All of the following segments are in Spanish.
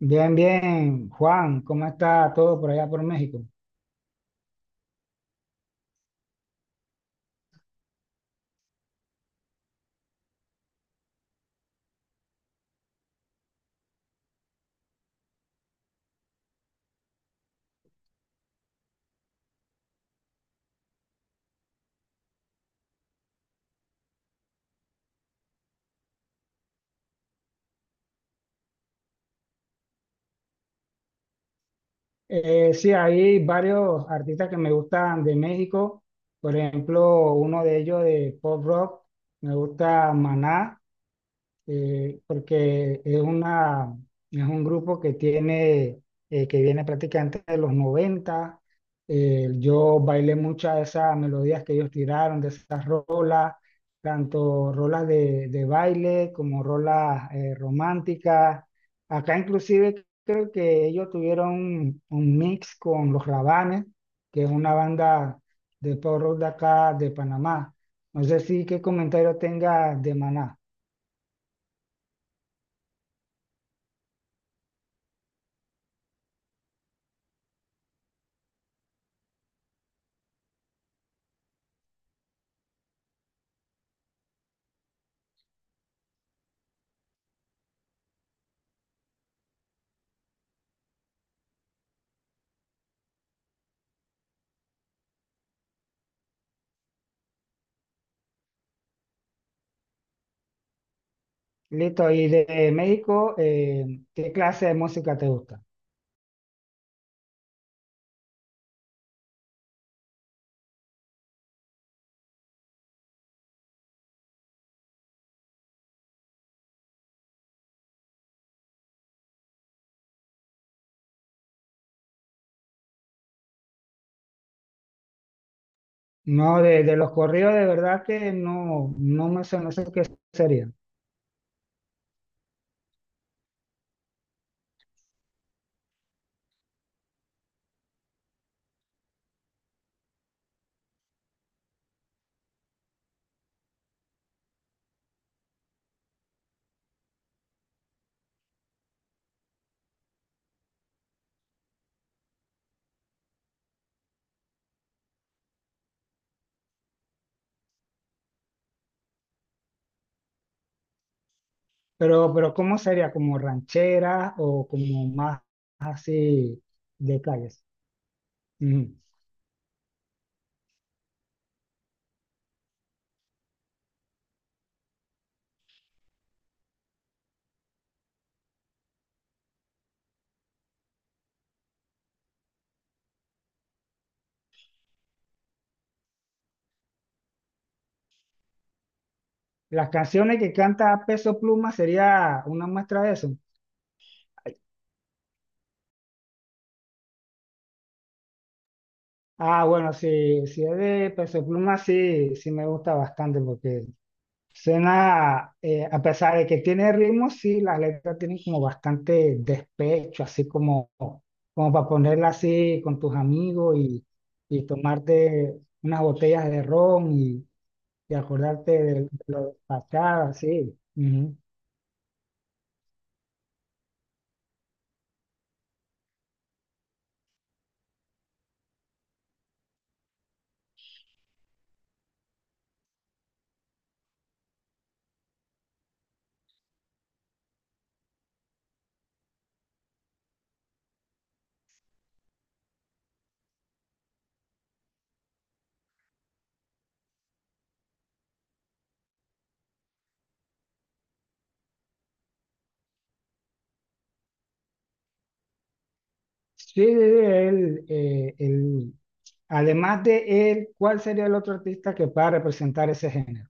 Bien, bien, Juan, ¿cómo está todo por allá por México? Sí, hay varios artistas que me gustan de México, por ejemplo, uno de ellos de pop rock, me gusta Maná, porque es un grupo que viene prácticamente de los 90. Yo bailé muchas de esas melodías que ellos tiraron, de esas rolas, tanto rolas de baile como rolas románticas. Acá inclusive creo que ellos tuvieron un mix con Los Rabanes, que es una banda de pop rock de acá, de Panamá. No sé si qué comentario tenga de Maná. Listo, y de México, ¿qué clase de música te gusta? No, de los corridos de verdad que no, no sé qué sería. Pero, ¿cómo sería? ¿Como ranchera o como más así de calles? Ujú. Las canciones que canta Peso Pluma sería una muestra de eso. Ah, bueno, si es de Peso Pluma, sí, sí me gusta bastante porque cena a pesar de que tiene ritmo, sí, las letras tienen como bastante despecho, así como para ponerla así con tus amigos y tomarte unas botellas de ron y acordarte de lo pasado, así. Ujú. Sí, sí, sí, además de él, ¿cuál sería el otro artista que pueda representar ese género?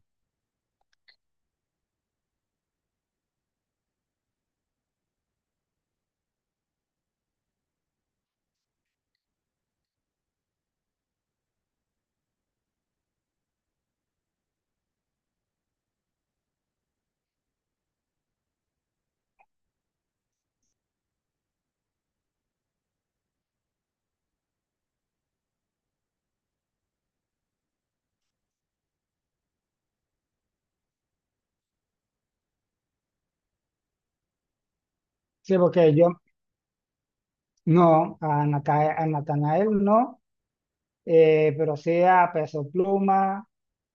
Sí, porque yo no, a Natanael no, pero sí a Peso Pluma.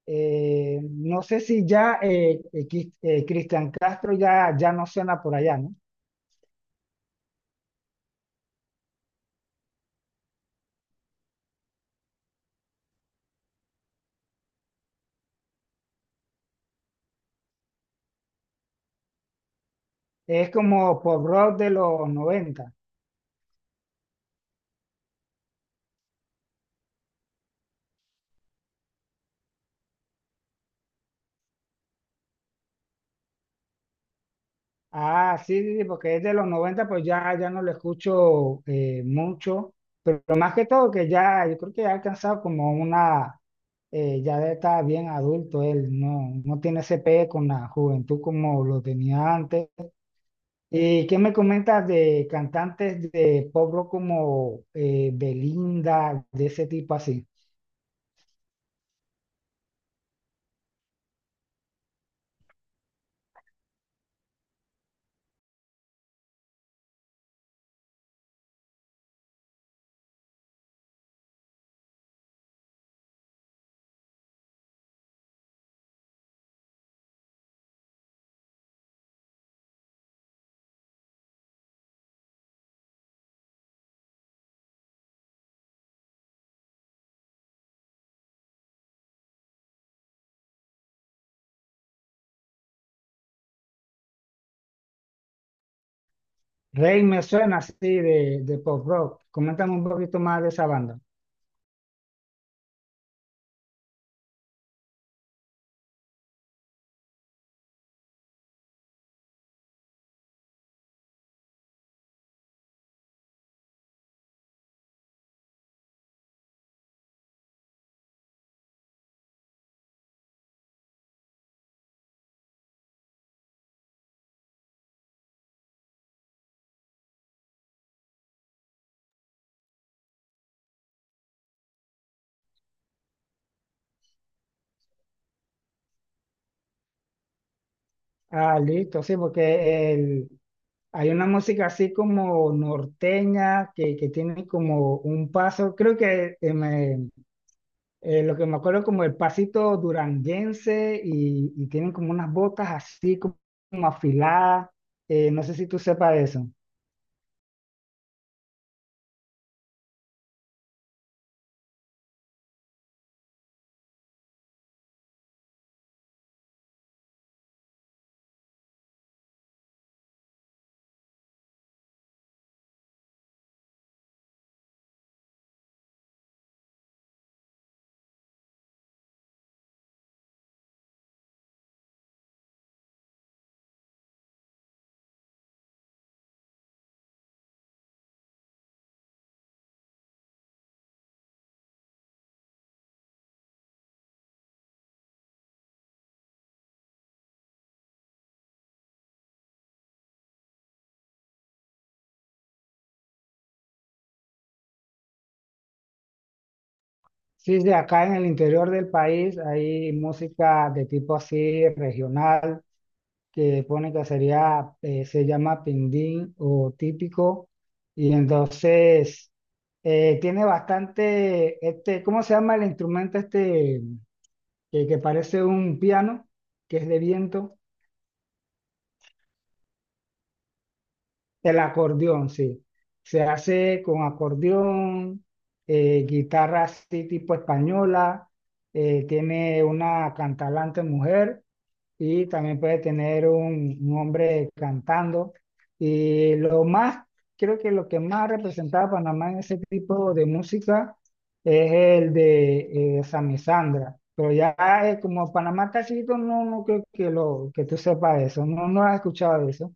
No sé si ya Cristian Castro ya, ya no suena por allá, ¿no? Es como pop rock de los 90. Ah, sí, sí, sí, porque es de los 90, pues ya, ya no lo escucho mucho. Pero más que todo que yo creo que ya ha alcanzado como una, ya está bien adulto él, no, no tiene ese pegue con la juventud como lo tenía antes. ¿Qué me comentas de cantantes de pop rock como Belinda, de ese tipo así? Rey me suena así de pop rock. Coméntame un poquito más de esa banda. Ah, listo, sí, porque hay una música así como norteña que tiene como un paso, creo que lo que me acuerdo como el pasito duranguense y tienen como unas botas así como afiladas. No sé si tú sepas de eso. Sí, sí, acá en el interior del país hay música de tipo así regional, que pone que sería, se llama pindín o típico, y entonces tiene bastante, ¿cómo se llama el instrumento este que parece un piano, que es de viento? El acordeón, sí. Se hace con acordeón, guitarra así tipo española, tiene una cantalante mujer y también puede tener un hombre cantando. Y lo más, creo que lo que más representaba a Panamá en ese tipo de música es el de Sami Sandra. Pero ya, como Panamá está chiquito, no, no creo que tú sepas de eso, no, no has escuchado de eso.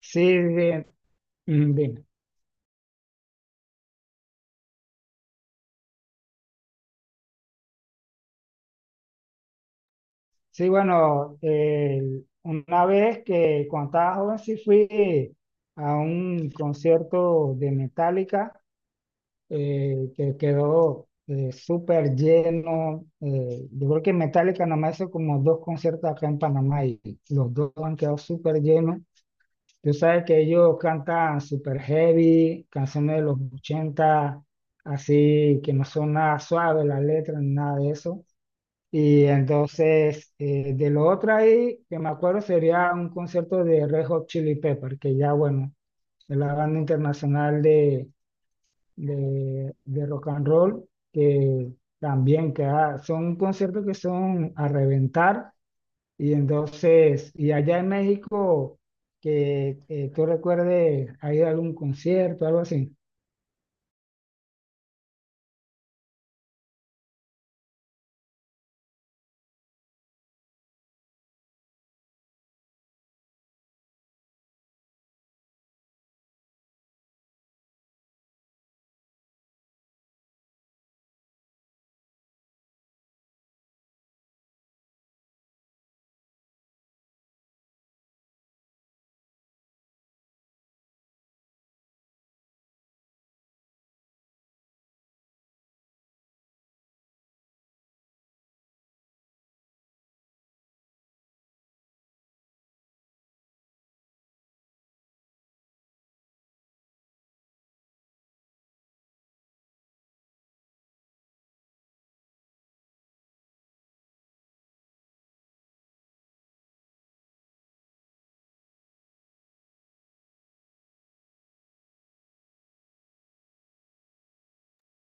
Sí, bien, mm, bien. Sí, bueno, una vez que cuando estaba joven sí fui a un concierto de Metallica que quedó súper lleno. Yo creo que Metallica nada más hizo como dos conciertos acá en Panamá y los dos han quedado súper llenos. Tú sabes que ellos cantan súper heavy, canciones de los 80, así que no son nada suaves las letras ni nada de eso. Y entonces, de lo otro ahí, que me acuerdo, sería un concierto de Red Hot Chili Pepper, que ya, bueno, es la banda internacional de rock and roll, que también que son conciertos que son a reventar. Y entonces, y allá en México, que tú recuerdes, ¿hay algún concierto, algo así?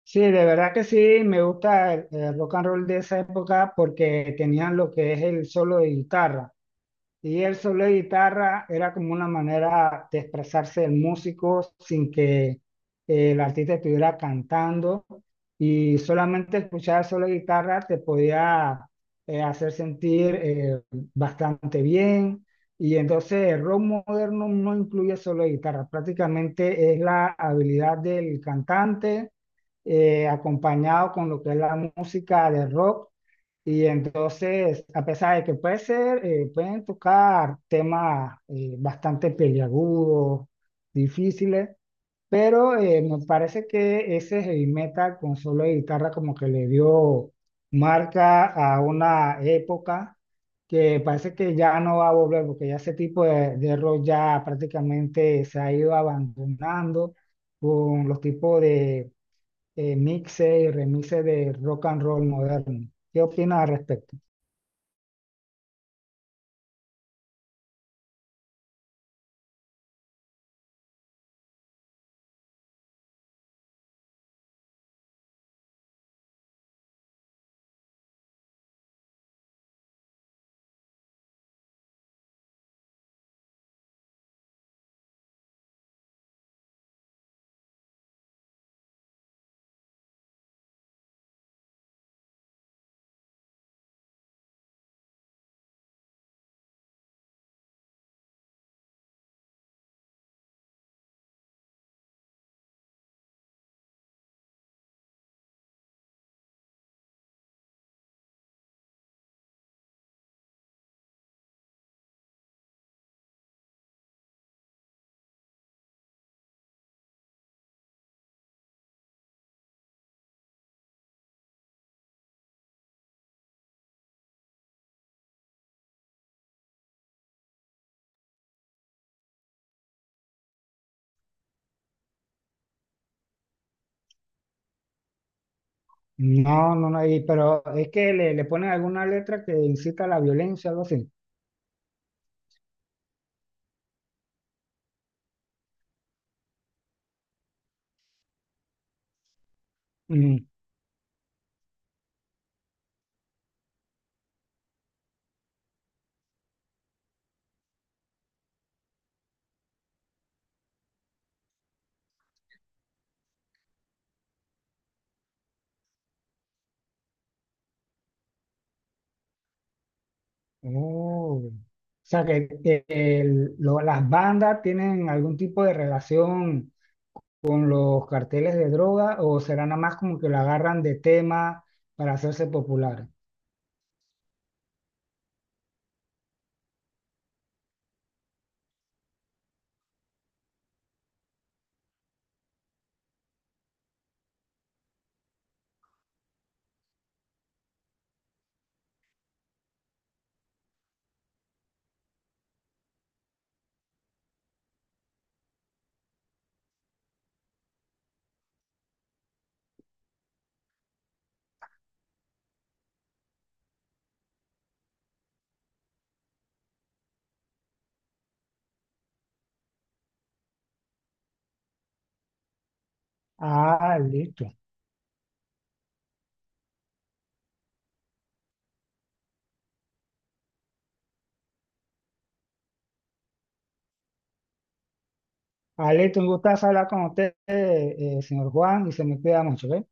Sí, de verdad que sí, me gusta el rock and roll de esa época porque tenían lo que es el solo de guitarra. Y el solo de guitarra era como una manera de expresarse el músico sin que el artista estuviera cantando y solamente escuchar el solo de guitarra te podía hacer sentir bastante bien. Y entonces el rock moderno no incluye solo de guitarra, prácticamente es la habilidad del cantante acompañado con lo que es la música de rock. Y entonces, a pesar de que pueden tocar temas bastante peliagudos, difíciles, pero me parece que ese heavy metal con solo de guitarra como que le dio marca a una época que parece que ya no va a volver, porque ya ese tipo de rock ya prácticamente se ha ido abandonando con los tipos de mixes y remixes de rock and roll moderno. ¿Qué opinas al respecto? No, no, no, pero es que le ponen alguna letra que incita a la violencia, algo así. Mm. Oh. O sea, que las bandas tienen algún tipo de relación con los carteles de droga, ¿o será nada más como que lo agarran de tema para hacerse populares? Ah, listo. Ah, listo, un gustazo hablar con usted, señor Juan, y se me cuida mucho, ¿eh?